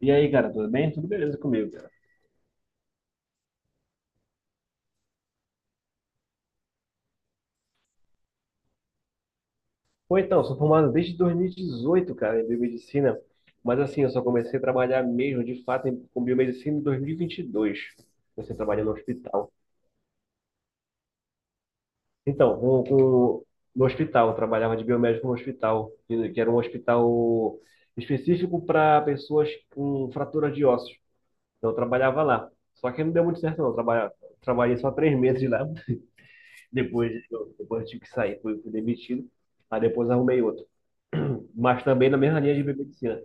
E aí, cara, tudo bem? Tudo beleza comigo, cara? Pô, então, sou formado desde 2018, cara, em biomedicina, mas assim, eu só comecei a trabalhar mesmo, de fato, com biomedicina em 2022. Comecei a trabalhar no hospital. Então, com no hospital, eu trabalhava de biomédico no hospital, que era um hospital específico para pessoas com fratura de ossos. Então, eu trabalhava lá. Só que não deu muito certo, não. Trabalhei só três meses lá, depois, depois eu tive que sair, fui demitido. Aí depois arrumei outro, mas também na mesma linha de biomedicina.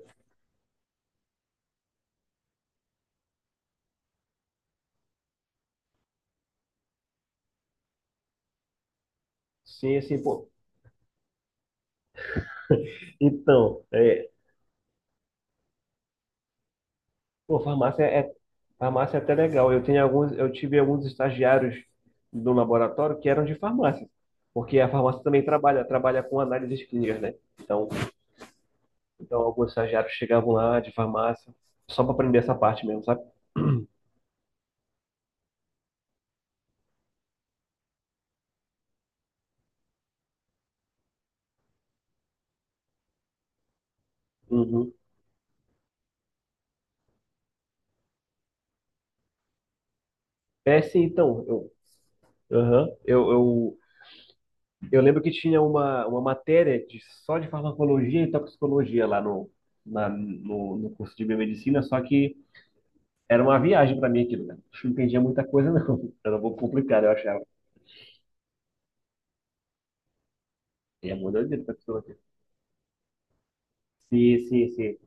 Sim, assim, pô. Então, é, pô, farmácia é até legal. Eu tive alguns estagiários do laboratório que eram de farmácia, porque a farmácia também trabalha com análises clínicas, né? Então, então alguns estagiários chegavam lá de farmácia só para aprender essa parte mesmo, sabe? Uhum. É, sim, então, eu, aham, eu lembro que tinha uma matéria de, só de farmacologia e toxicologia lá no curso de biomedicina, só que era uma viagem para mim aquilo, né? Não entendia muita coisa, não. Era um pouco complicado, eu achava. E é muito doideira toxicologia. Sim, sim, sim.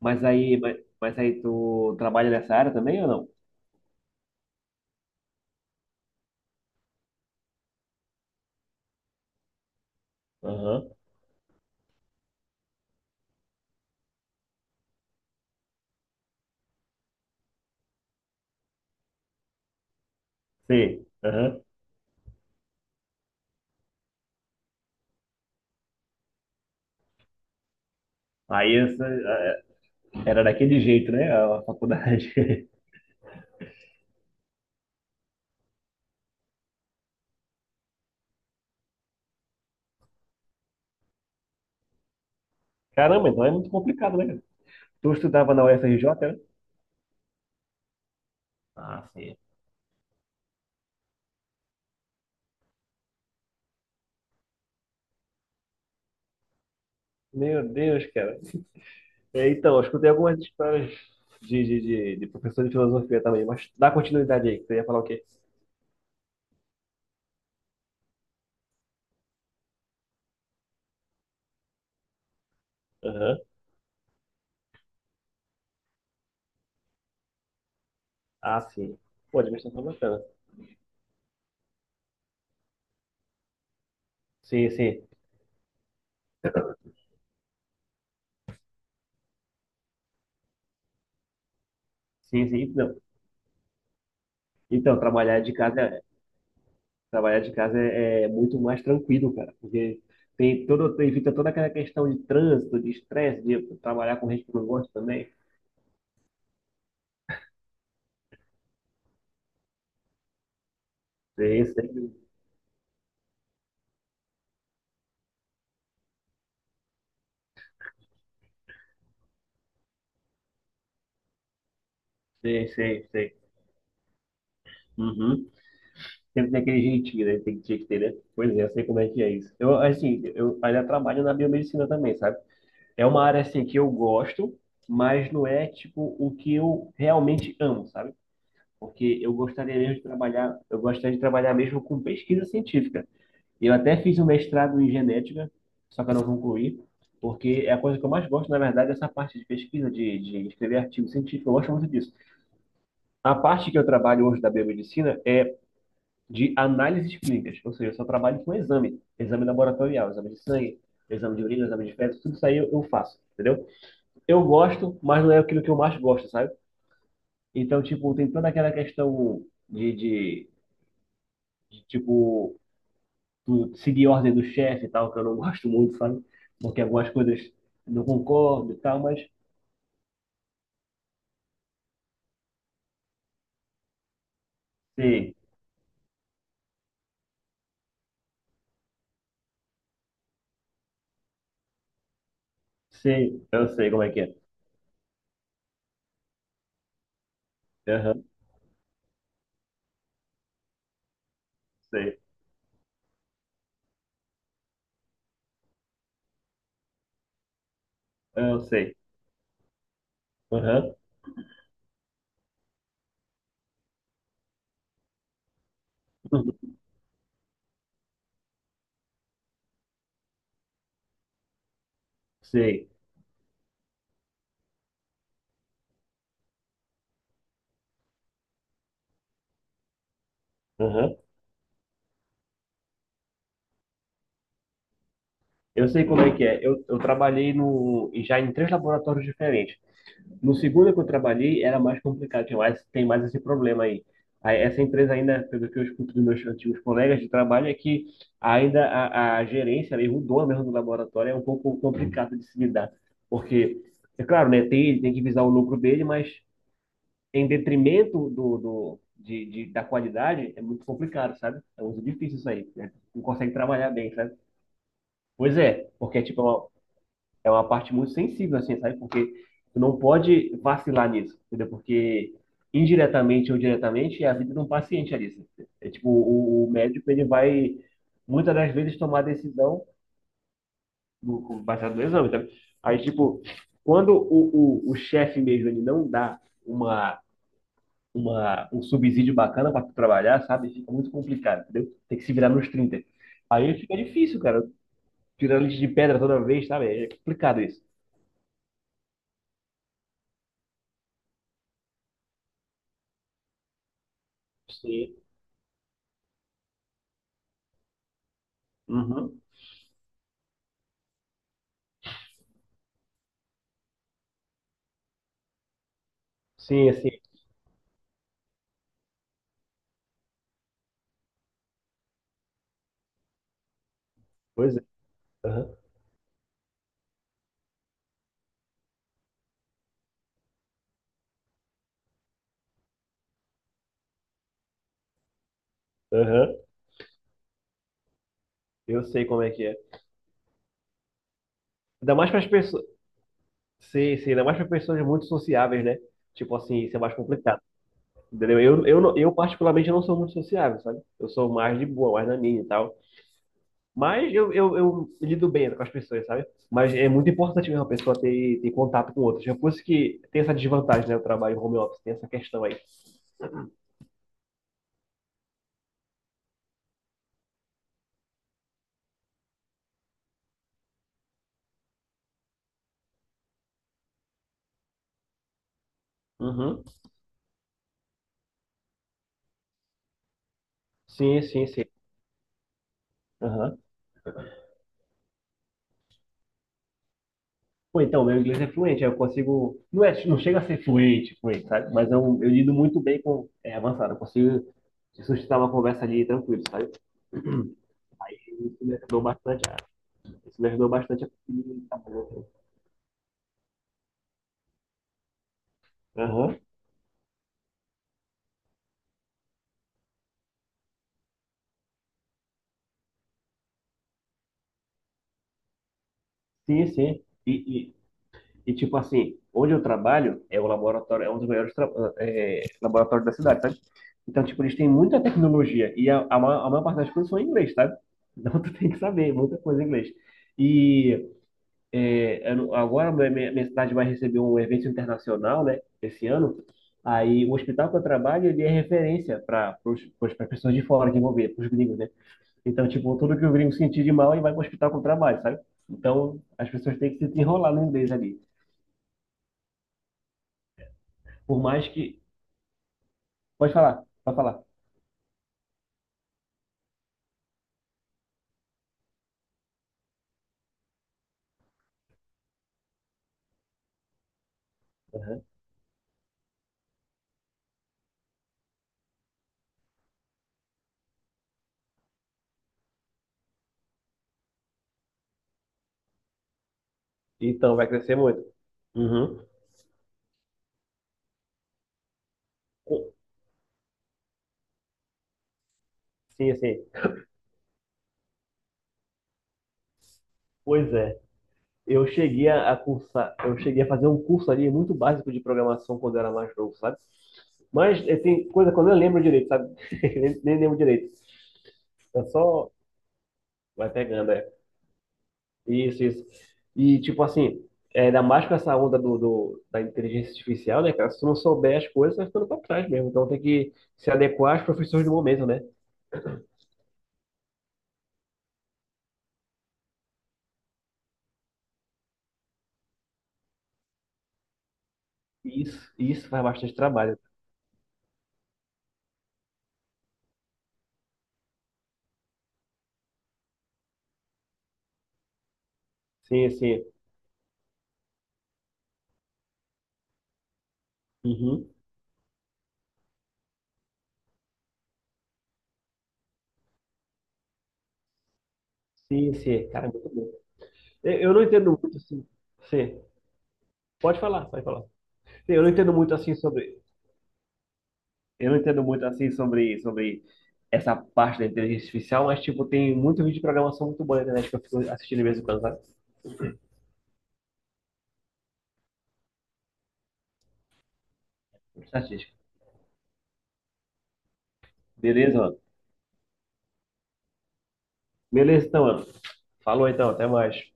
Mas aí, mas aí tu trabalha nessa área também ou não? Aham. Sim. Aham. Aí essa, era daquele jeito, né? A faculdade. Caramba, então é muito complicado, né, cara? Tu estudava na UFRJ, né? Ah, sim. Meu Deus, cara. É, então, eu escutei algumas histórias de, de professor de filosofia também, mas dá continuidade aí, que você ia falar o quê? Aham. Ah, sim. Pô, administração é bacana. Sim, sim. Sim, sim. Então, então trabalhar de casa, trabalhar de casa é, é muito mais tranquilo, cara, porque evita toda aquela questão de trânsito, de estresse, de trabalhar com gente que não gosta também. Sei, sei, sei, sei, sei. Uhum. Sempre tem aquele jeitinho, né? Tem que tinha que ter, né? Pois é, eu sei como é que é isso. Eu, assim, eu ainda trabalho na biomedicina também, sabe? É uma área assim que eu gosto, mas não é tipo o que eu realmente amo, sabe? Porque eu gostaria mesmo de trabalhar, eu gostaria de trabalhar mesmo com pesquisa científica. Eu até fiz um mestrado em genética, só que eu não concluí, porque é a coisa que eu mais gosto, na verdade, é essa parte de pesquisa, de escrever artigo científico, eu gosto muito disso. A parte que eu trabalho hoje da biomedicina é de análises clínicas, ou seja, eu só trabalho com exame, exame laboratorial, exame de sangue, exame de urina, exame de fezes, tudo isso aí eu faço, entendeu? Eu gosto, mas não é aquilo que eu mais gosto, sabe? Então, tipo, tem toda aquela questão tipo, tu seguir a ordem do chefe e tal, que eu não gosto muito, sabe? Porque algumas coisas eu não concordo e tal, mas sei, sei, eu sei como é que é. Aham, sei, eu sei, aham, uhum, sei, aham. Eu sei como é que é. Eu trabalhei no, já em três laboratórios diferentes. No segundo que eu trabalhei era mais complicado, tem mais esse problema aí. Aí, essa empresa ainda, pelo que eu escuto dos meus antigos colegas de trabalho, é que ainda a gerência, mesmo o dono mesmo do laboratório, é um pouco complicado de se lidar. Porque, é claro, né, tem, ele tem que visar o lucro dele, mas em detrimento da qualidade, é muito complicado, sabe? É muito difícil isso aí, né? Não consegue trabalhar bem, sabe? Pois é, porque tipo, é uma parte muito sensível, assim, sabe? Porque tu não pode vacilar nisso, entendeu? Porque indiretamente ou diretamente é a vida de um paciente ali, assim. É tipo, o médico, ele vai muitas das vezes tomar a decisão baseado no exame, tá? Aí, tipo, quando o chefe mesmo, ele não dá uma, um subsídio bacana para tu trabalhar, sabe? Fica muito complicado, entendeu? Tem que se virar nos 30. Aí fica difícil, cara. Tirando leite de pedra toda vez, sabe? É complicado isso. Sim. Uhum. Sim, assim, pois é. Aham, aham. Eu sei como é que é. Ainda mais para as pessoas. Sim, sim, ainda mais para pessoas muito sociáveis, né? Tipo assim, isso é mais complicado. Entendeu? Eu particularmente não sou muito sociável, sabe? Eu sou mais de boa, mais na minha e tal. Mas eu lido bem né, com as pessoas, sabe? Mas é muito importante mesmo a pessoa ter, ter contato com outros. É por isso que tem essa desvantagem, né? O trabalho home office, tem essa questão aí. Uhum. Sim, sim, sim. Pô, então, meu inglês é fluente, aí eu consigo. Não, é, não chega a ser fluente, fluente, sabe? Mas eu lido muito bem com. É avançado, eu consigo sustentar uma conversa ali tranquilo, sabe? E Isso me ajudou bastante. Isso me ajudou bastante a conseguir trabalhar. Aham. Sim, sim. Tipo assim, onde eu trabalho é o laboratório, é, laboratórios da cidade, sabe? Então, tipo, eles têm muita tecnologia e a maior parte das coisas são em inglês, sabe? Então, tu tem que saber muita coisa em inglês. E. É, eu não- agora minha minha cidade vai receber um evento internacional, né, esse ano. Aí o hospital que eu trabalho, ele é referência para pessoas de fora que vão ver, para os gringos, né? Então, tipo, tudo que o gringo sentir de mal, ele vai para o hospital que eu trabalho, sabe? Então, as pessoas têm que se desenrolar no inglês ali. Por mais que... Pode falar, pode falar. Aham. Então, vai crescer muito. Uhum. Sim, sim. Pois é. Eu cheguei a cursar, eu cheguei a fazer um curso ali muito básico de programação quando eu era mais novo, sabe? Mas eh, tem coisa que eu nem lembro direito, sabe? Nem lembro direito. É só. Vai pegando, é. Isso, isso. E, tipo assim, é, ainda mais com essa onda da inteligência artificial, né, cara? Se tu não souber as coisas, vai ficando pra trás mesmo. Então tem que se adequar às profissões do momento, né? Isso faz bastante trabalho. Sim, sim. Uhum. Sim, sim. Cara, é muito bom. Eu não entendo muito, assim. Sim. Pode falar, pode falar. Sim, eu não entendo muito assim sobre essa parte da inteligência artificial, mas tipo tem muito vídeo de programação muito bom na internet que eu fico assistindo de vez em quando, sabe? Estatística. Beleza, mano? Beleza, então, mano. Falou então, até mais.